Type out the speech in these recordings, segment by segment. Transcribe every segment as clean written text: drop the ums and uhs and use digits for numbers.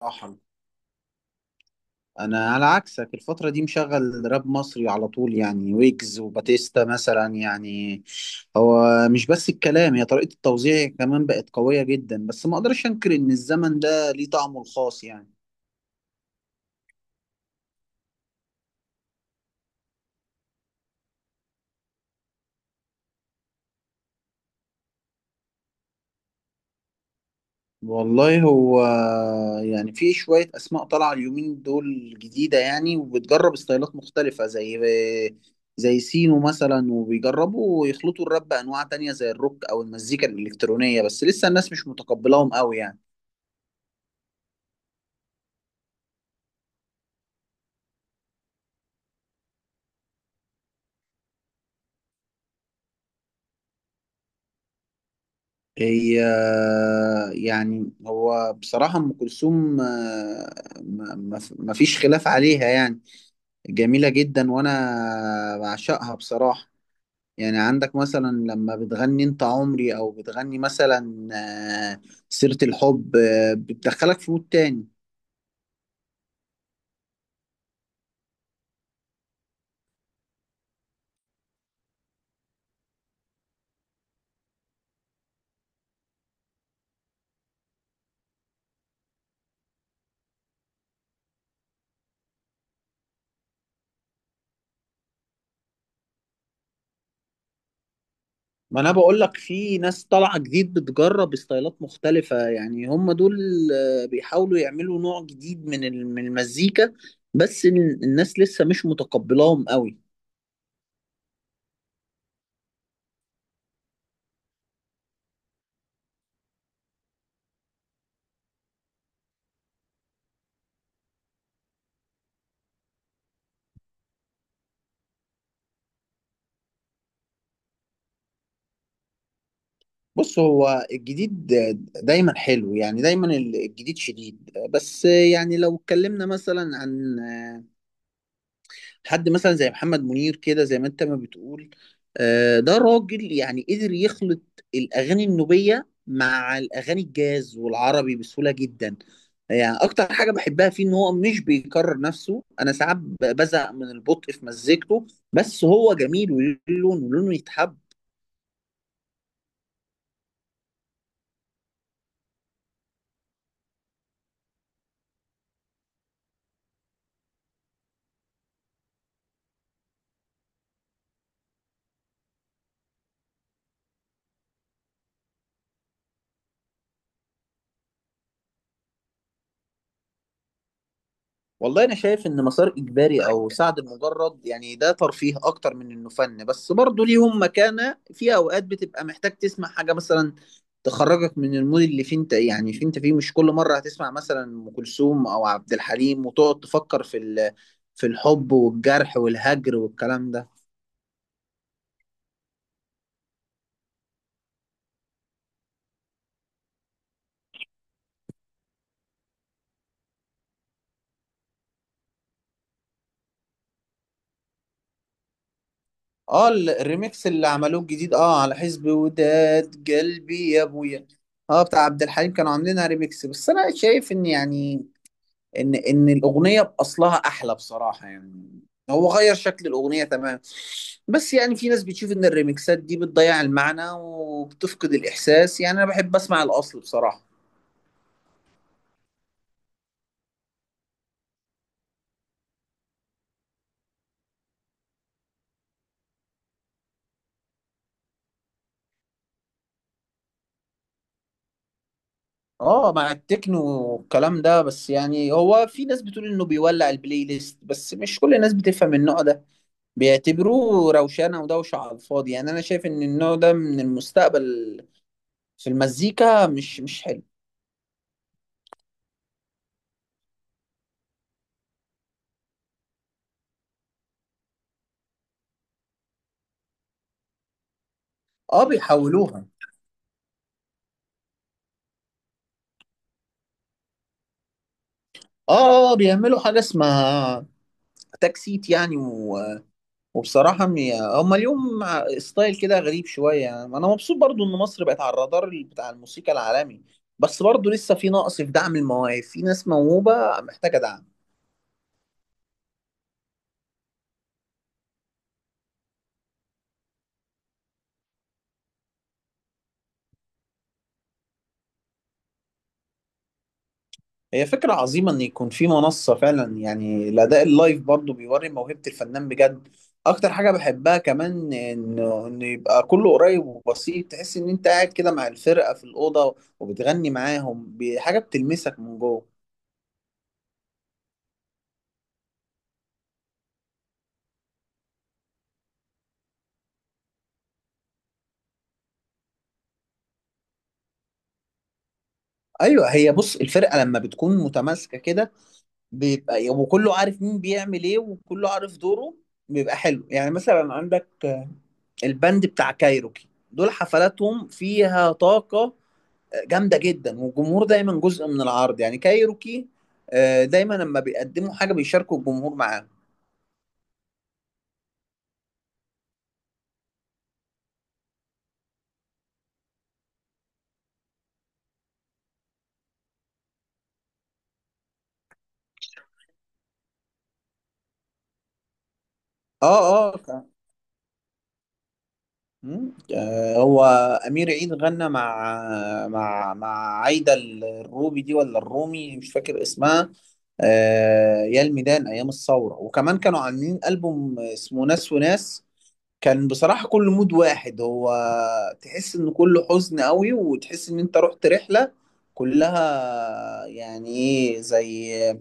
صراحة أنا على عكسك الفترة دي مشغل راب مصري على طول يعني ويجز وباتيستا مثلا يعني هو مش بس الكلام، هي طريقة التوزيع كمان بقت قوية جدا. بس ما أقدرش أنكر إن الزمن ده ليه طعمه الخاص يعني. والله هو يعني في شوية أسماء طالعة اليومين دول جديدة يعني، وبتجرب ستايلات مختلفة زي سينو مثلا، وبيجربوا يخلطوا الراب بأنواع تانية زي الروك أو المزيكا الإلكترونية، بس لسه الناس مش متقبلاهم قوي يعني. هي يعني هو بصراحة أم كلثوم ما فيش خلاف عليها يعني، جميلة جدا وأنا بعشقها بصراحة. يعني عندك مثلا لما بتغني أنت عمري، أو بتغني مثلا آه، سيرة الحب، بتدخلك في مود تاني. ما أنا بقولك في ناس طالعة جديد بتجرب ستايلات مختلفة يعني، هم دول بيحاولوا يعملوا نوع جديد من المزيكا، الناس لسه مش متقبلاهم قوي. بص، هو الجديد دايما حلو يعني، دايما الجديد شديد. بس يعني لو اتكلمنا مثلا عن حد مثلا زي محمد منير كده، زي ما انت ما بتقول، ده راجل يعني قدر يخلط الأغاني النوبية مع الأغاني الجاز والعربي بسهولة جدا. يعني أكتر حاجة بحبها فيه إن هو مش بيكرر نفسه. أنا ساعات بزهق من البطء في مزيكته، بس هو جميل، ولونه يتحب. والله انا شايف ان مسار اجباري او سعد المجرد يعني ده ترفيه اكتر من انه فن، بس برضه ليهم مكانة. في اوقات بتبقى محتاج تسمع حاجة مثلا تخرجك من المود اللي فيه انت يعني، فيه انت فيه مش كل مرة هتسمع مثلا ام كلثوم او عبد الحليم وتقعد تفكر في الحب والجرح والهجر والكلام ده. اه، الريميكس اللي عملوه الجديد، اه، على حزب وداد قلبي يا ابويا، اه، بتاع عبد الحليم، كانوا عاملينها ريميكس. بس انا شايف ان يعني ان الاغنيه باصلها احلى بصراحه يعني، هو غير شكل الاغنيه تمام. بس يعني في ناس بتشوف ان الريمكسات دي بتضيع المعنى وبتفقد الاحساس، يعني انا بحب اسمع الاصل بصراحه. اه، مع التكنو والكلام ده. بس يعني هو في ناس بتقول انه بيولع البلاي ليست، بس مش كل الناس بتفهم النوع ده، بيعتبروه روشانه ودوشه على الفاضي. يعني انا شايف ان النوع ده من المستقبل في المزيكا، مش حلو. اه، بيحولوها. اه، بيعملوا حاجه اسمها اتاك سيت يعني وبصراحه م- هما اليوم مع ستايل كده غريب شويه يعني. انا مبسوط برضو ان مصر بقت على الرادار بتاع الموسيقى العالمي، بس برضو لسه في نقص في دعم المواهب، في ناس موهوبه محتاجه دعم. هي فكره عظيمه ان يكون في منصه فعلا. يعني الاداء اللايف برضو بيوري موهبه الفنان بجد. اكتر حاجه بحبها كمان انه ان يبقى كله قريب وبسيط، تحس ان انت قاعد كده مع الفرقه في الاوضه وبتغني معاهم، حاجه بتلمسك من جوه. ايوه، هي بص، الفرقه لما بتكون متماسكه كده، بيبقى وكله عارف مين بيعمل ايه وكله عارف دوره، بيبقى حلو. يعني مثلا عندك البند بتاع كايروكي، دول حفلاتهم فيها طاقه جامده جدا، والجمهور دايما جزء من العرض. يعني كايروكي دايما لما بيقدموا حاجه بيشاركوا الجمهور معاهم. اه، اه. هو أمير عيد غنى مع مع عايدة الروبي دي، ولا الرومي، مش فاكر اسمها، يا الميدان، أيام الثورة. وكمان كانوا عاملين ألبوم اسمه ناس وناس، كان بصراحة كل مود واحد، هو تحس إن كله حزن قوي وتحس إن أنت رحت رحلة كلها يعني إيه زي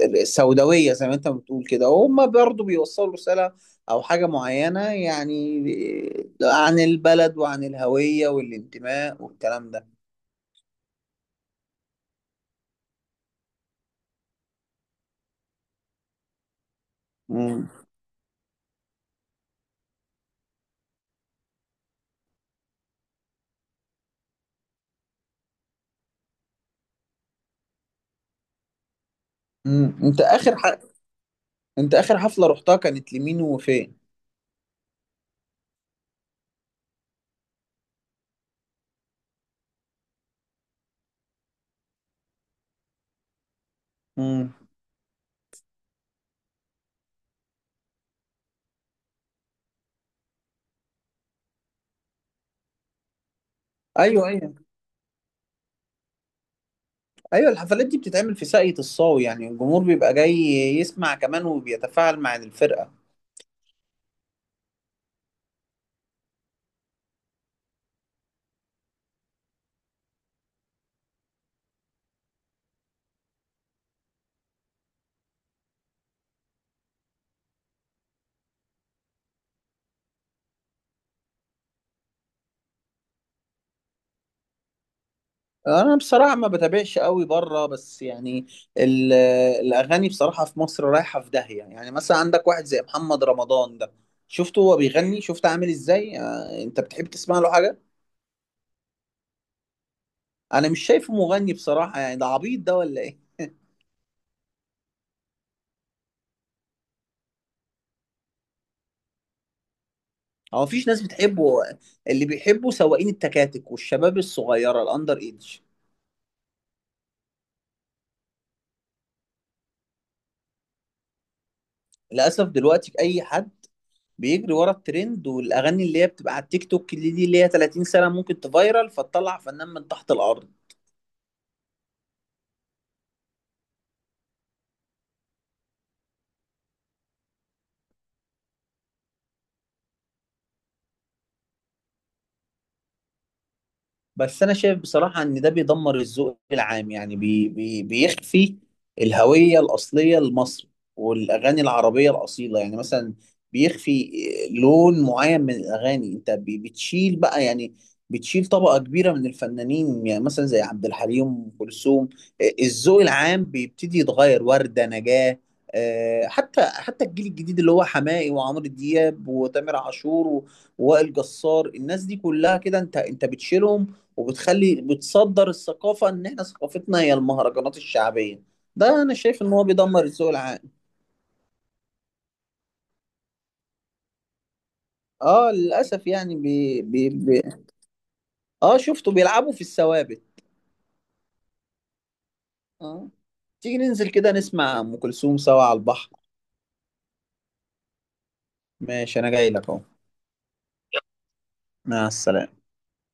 السوداوية زي ما انت بتقول كده. وهم برضو بيوصلوا رسالة او حاجة معينة يعني عن البلد وعن الهوية والانتماء والكلام ده. مم. مم. انت اخر ح... انت اخر حفلة رحتها كانت لمين وفين؟ مم. ايوه، ايوه، ايوه، الحفلات دي بتتعمل في ساقية الصاوي، يعني الجمهور بيبقى جاي يسمع كمان وبيتفاعل مع الفرقة. انا بصراحه ما بتابعش قوي بره، بس يعني ال- الاغاني بصراحه في مصر رايحه في داهيه. يعني مثلا عندك واحد زي محمد رمضان ده، شفته هو بيغني؟ شفت عامل ازاي؟ انت بتحب تسمع له حاجه؟ انا مش شايفه مغني بصراحه، يعني ده عبيط ده ولا ايه؟ هو مفيش ناس بتحبه، اللي بيحبه سواقين التكاتك والشباب الصغيره الاندر ايدج. للاسف دلوقتي اي حد بيجري ورا الترند والاغاني اللي هي بتبقى على التيك توك، اللي دي اللي هي 30 سنه، ممكن تفايرل فتطلع فنان من تحت الارض. بس انا شايف بصراحه ان ده بيدمر الذوق العام، يعني بي بي بيخفي الهويه الاصليه لمصر والاغاني العربيه الاصيله. يعني مثلا بيخفي لون معين من الاغاني، انت بتشيل بقى يعني، بتشيل طبقه كبيره من الفنانين، يعني مثلا زي عبد الحليم، ام كلثوم، الذوق العام بيبتدي يتغير، ورده نجاه. حتى الجيل الجديد اللي هو حماقي وعمرو دياب وتامر عاشور ووائل جسار، الناس دي كلها كده، انت بتشيلهم، وبتخلي بتصدر الثقافة ان احنا ثقافتنا هي المهرجانات الشعبية. ده انا شايف ان هو بيدمر الذوق العام. اه، للاسف يعني بي بي بي اه، شفته بيلعبوا في الثوابت. اه، تيجي ننزل كده نسمع ام كلثوم سوا على البحر. ماشي، انا جاي لك اهو. مع السلامة.